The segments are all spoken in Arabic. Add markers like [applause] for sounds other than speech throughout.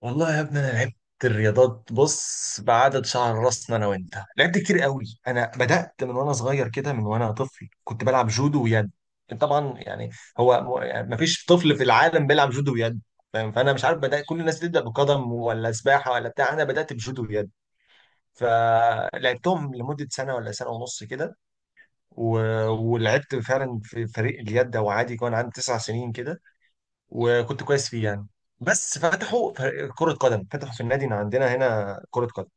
والله يا ابني انا لعبت الرياضات، بص، بعدد شعر راسنا انا وانت لعبت كتير قوي. انا بدأت من وانا صغير كده، من وانا طفل كنت بلعب جودو ويد، طبعا يعني هو يعني مفيش طفل في العالم بيلعب جودو ويد، فاهم؟ فانا مش عارف، بدأت كل الناس بتبدأ بقدم ولا سباحة ولا بتاع، انا بدأت بجودو ويد، فلعبتهم لمدة سنة ولا سنة ونص كده و... ولعبت فعلا في فريق اليد، وعادي كان عندي تسع سنين كده، وكنت كويس فيه يعني. بس فتحوا فريق كرة قدم، فتحوا في النادي اللي عندنا هنا كرة قدم،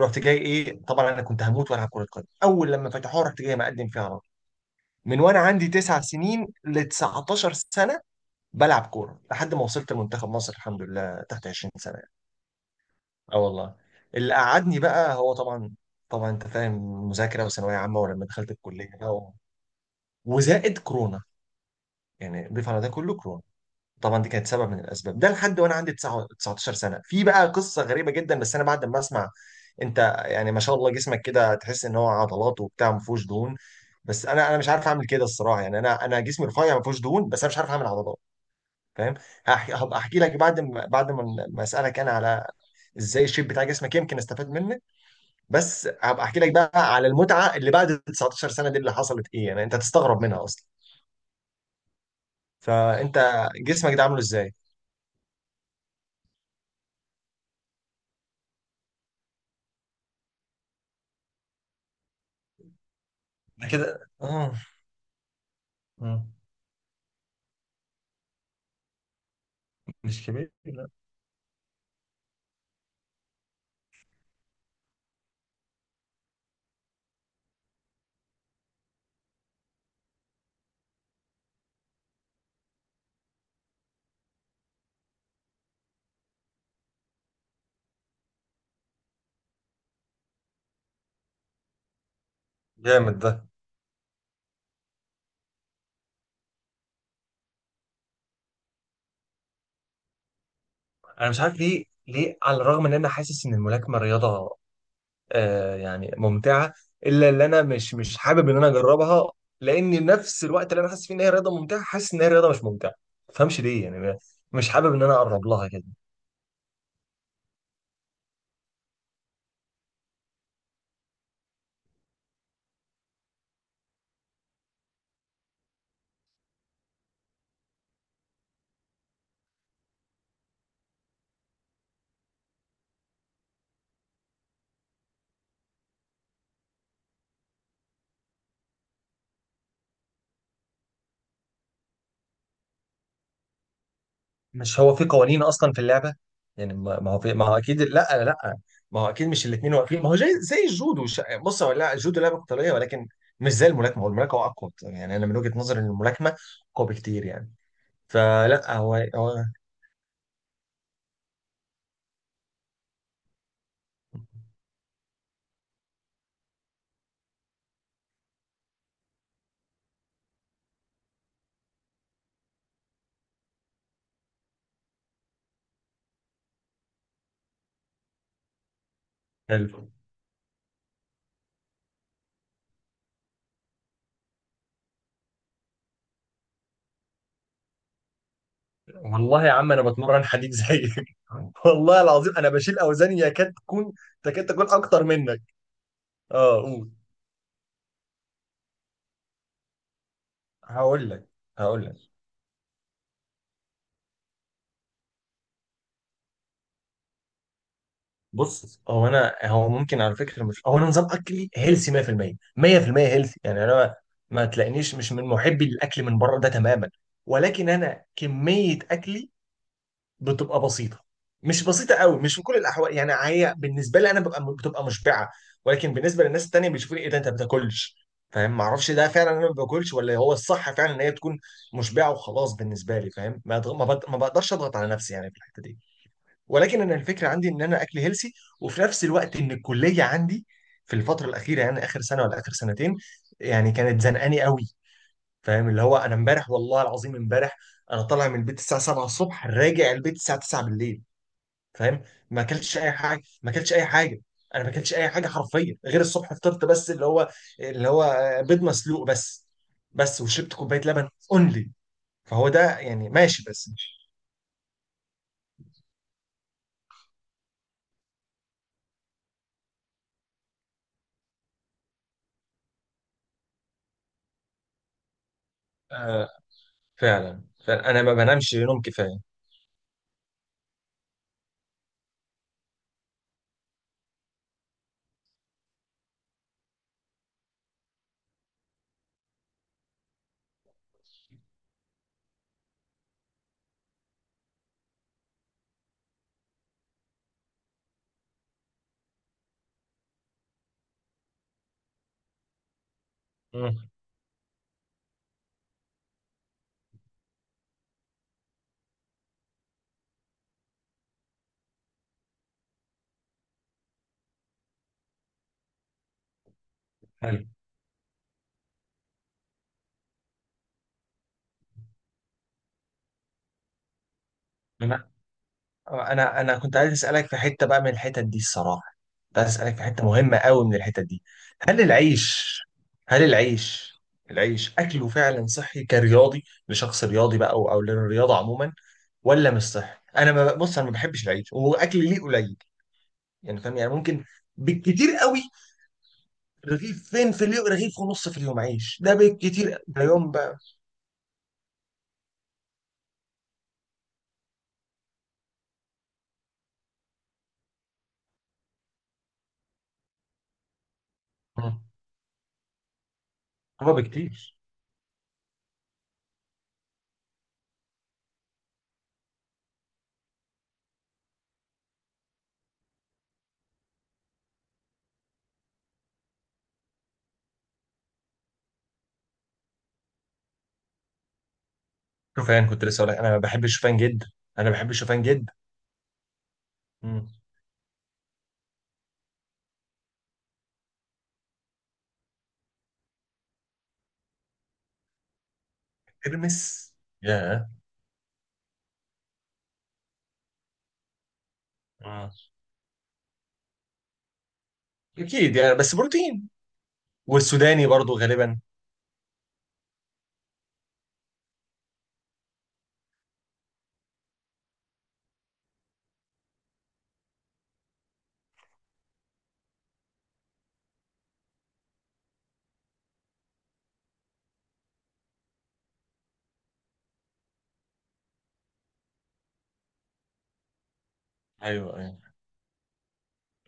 رحت جاي ايه، طبعا انا كنت هموت والعب كرة قدم، اول لما فتحوها رحت جاي مقدم فيها على طول، من وانا عندي تسع سنين ل 19 سنة بلعب كورة لحد ما وصلت لمنتخب مصر الحمد لله تحت 20 سنة يعني. اه والله. اللي قعدني بقى هو طبعا انت فاهم، مذاكرة وثانوية عامة، ولما دخلت الكلية بقى وزائد كورونا، يعني ضيف على ده كله كورونا، طبعا دي كانت سبب من الاسباب ده لحد وانا عندي 9 19 سنه. في بقى قصه غريبه جدا بس انا بعد ما اسمع. انت يعني ما شاء الله جسمك كده، تحس ان هو عضلات وبتاع، ما فيهوش دهون. بس انا مش عارف اعمل كده الصراحه، يعني انا جسمي رفيع ما فيهوش دهون، بس انا مش عارف اعمل عضلات، فاهم؟ هبقى احكي لك بعد ما اسالك انا على ازاي الشيب بتاع جسمك يمكن استفاد منك. بس هبقى احكي لك بقى على المتعه اللي بعد 19 سنه دي، اللي حصلت ايه، يعني انت هتستغرب منها اصلا. فانت جسمك ده عامله ازاي؟ أنا كده اه. آه. مش كبير، لا. جامد ده. انا مش عارف ليه على الرغم ان انا حاسس ان الملاكمه رياضه يعني ممتعه، الا ان انا مش حابب ان انا اجربها، لان نفس الوقت اللي انا حاسس فيه ان هي رياضه ممتعه، حاسس ان هي رياضه مش ممتعه. ما تفهمش ليه يعني مش حابب ان انا اقرب لها كده. مش هو في قوانين اصلا في اللعبه، يعني ما هو في، ما هو اكيد، لا لا. ما هو اكيد مش الاثنين واقفين، ما هو زي الجودو، بص هو، لا الجودو لعبه قتاليه، ولكن مش زي الملاكمه، هو الملاكمه اقوى يعني، انا من وجهه نظري ان الملاكمه اقوى بكتير يعني، فلا هو حلو. والله يا عم انا بتمرن حديد زيك [laughs] والله العظيم انا بشيل اوزان يكاد تكون، تكاد تكون اكتر منك. اه، قول. هقول لك هقول لك بص. هو انا، هو ممكن على فكره، مش هو، انا نظام اكلي هيلسي 100% 100% هيلسي، يعني انا ما تلاقينيش، مش من محبي للاكل من بره ده تماما. ولكن انا كميه اكلي بتبقى بسيطه، مش بسيطه قوي، مش في كل الاحوال يعني، هي بالنسبه لي انا بتبقى مشبعه، ولكن بالنسبه للناس التانيه بيشوفوني، ايه ده انت ما بتاكلش؟ فاهم؟ ما اعرفش ده فعلا، انا ما باكلش، ولا هو الصح فعلا ان هي تكون مشبعه وخلاص بالنسبه لي، فاهم؟ ما أضغ- ما بض- ما بقدرش اضغط على نفسي يعني في الحته دي. ولكن انا الفكره عندي ان انا اكل هيلسي، وفي نفس الوقت ان الكليه عندي في الفتره الاخيره، يعني اخر سنه ولا اخر سنتين يعني، كانت زنقاني قوي، فاهم؟ اللي هو انا امبارح، والله العظيم امبارح، انا طالع من البيت الساعه 7 الصبح راجع البيت الساعه 9 بالليل، فاهم؟ ما اكلتش اي حاجه، ما اكلتش اي حاجه، انا ما اكلتش اي حاجه حرفيا غير الصبح فطرت بس، اللي هو بيض مسلوق بس. بس وشربت كوبايه لبن اونلي. فهو ده يعني ماشي بس مش آه فعلا، فعلا انا ما بنامش نوم كفايه. مم. حلو. انا كنت عايز اسالك في حته بقى من الحتت دي الصراحه، كنت عايز اسالك في حته مهمه قوي من الحتت دي. هل العيش هل العيش العيش اكله فعلا صحي كرياضي، لشخص رياضي بقى، او للرياضه عموما، ولا مش صحي؟ انا ما بص، انا ما بحبش العيش واكل ليه قليل يعني، فاهم؟ يعني ممكن بالكتير قوي رغيف، فين في اليوم رغيف ونص في اليوم عيش، ده بالكتير، ده يوم بقى. مم. هو بكتير. شوفان. كنت لسه اقول لك انا ما بحبش الشوفان جدا. انا بحب الشوفان جدا. ترمس. ياه. آه. اكيد يعني، بس بروتين. والسوداني برضو غالبا. ايوه، ايوه.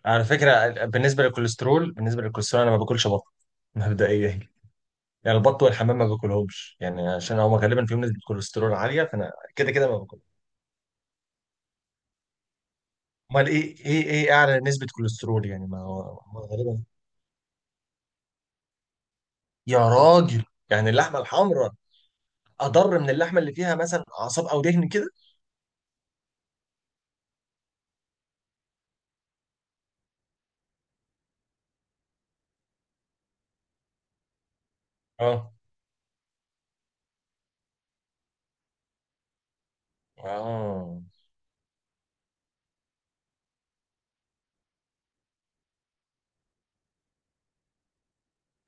على فكره بالنسبه للكوليسترول انا ما باكلش بط مبدئيا يعني. البط والحمام ما باكلهمش يعني عشان هما غالبا فيهم نسبه كوليسترول عاليه، فانا كده كده ما باكلهم. امال ايه، ايه اعلى نسبه كوليسترول؟ يعني ما هو غالبا. يا راجل. يعني اللحمه الحمراء اضر من اللحمه اللي فيها مثلا اعصاب او دهن كده؟ اه، اه.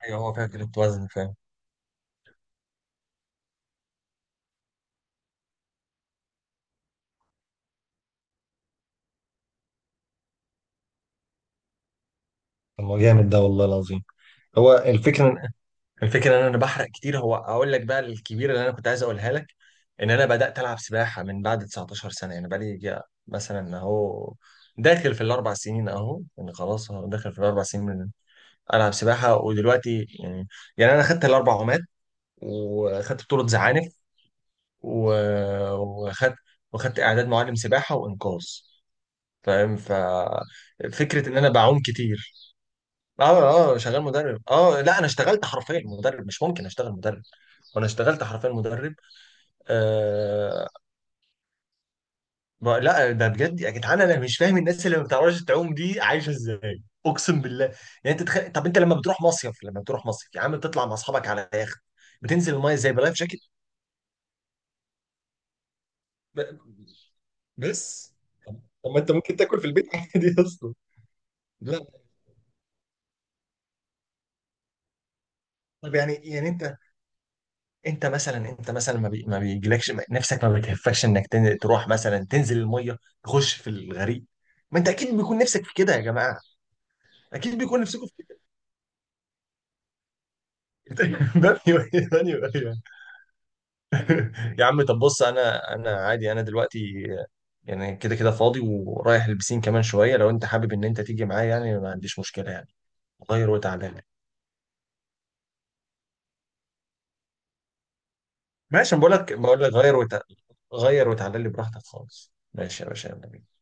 ايوه، هو فيها كده وزن، فاهم؟ طب ما جامد ده والله العظيم. هو الفكره ان انا بحرق كتير. هو اقول لك بقى الكبيره اللي انا كنت عايز اقولها لك، ان انا بدات العب سباحه من بعد 19 سنه، يعني بقى لي مثلا اهو داخل في الاربع سنين اهو، يعني خلاص أهو داخل في الاربع سنين من العب سباحه. ودلوقتي يعني انا خدت الاربع عومات، وخدت بطوله زعانف و- وخدت وخدت اعداد معلم سباحه وانقاذ، فاهم؟ ففكره ان انا بعوم كتير. اه، اه. شغال مدرب، اه. لا انا اشتغلت حرفيا مدرب، مش ممكن اشتغل مدرب، وانا اشتغلت حرفيا مدرب. آه... لا ده بجد يا جدعان، انا مش فاهم الناس اللي ما بتعرفش تعوم دي عايشه ازاي، اقسم بالله. يعني انت طب انت لما بتروح مصيف يا عم بتطلع مع اصحابك على يخت، بتنزل المايه ازاي؟ بلايف جاكيت. ب... بس. طب ما انت ممكن تاكل في البيت [laughs] عادي اصلا. لا. طب يعني انت مثلا ما بيجيلكش نفسك، ما بتهفكش انك تروح مثلا تنزل المايه، تخش في الغريق؟ ما انت اكيد بيكون نفسك في كده يا جماعه، اكيد بيكون نفسكم. [laughs] دانيو ايه، دانيو ايه. [laughs] يا عم طب بص، انا عادي، انا دلوقتي يعني كده كده فاضي، ورايح البسين كمان شويه، لو انت حابب ان انت تيجي معايا يعني ما عنديش مشكله يعني، غير وتعالى لي. ماشي. أنا بقول لك غير وتعالى لي براحتك خالص، ماشي يا باشا، يلا بينا.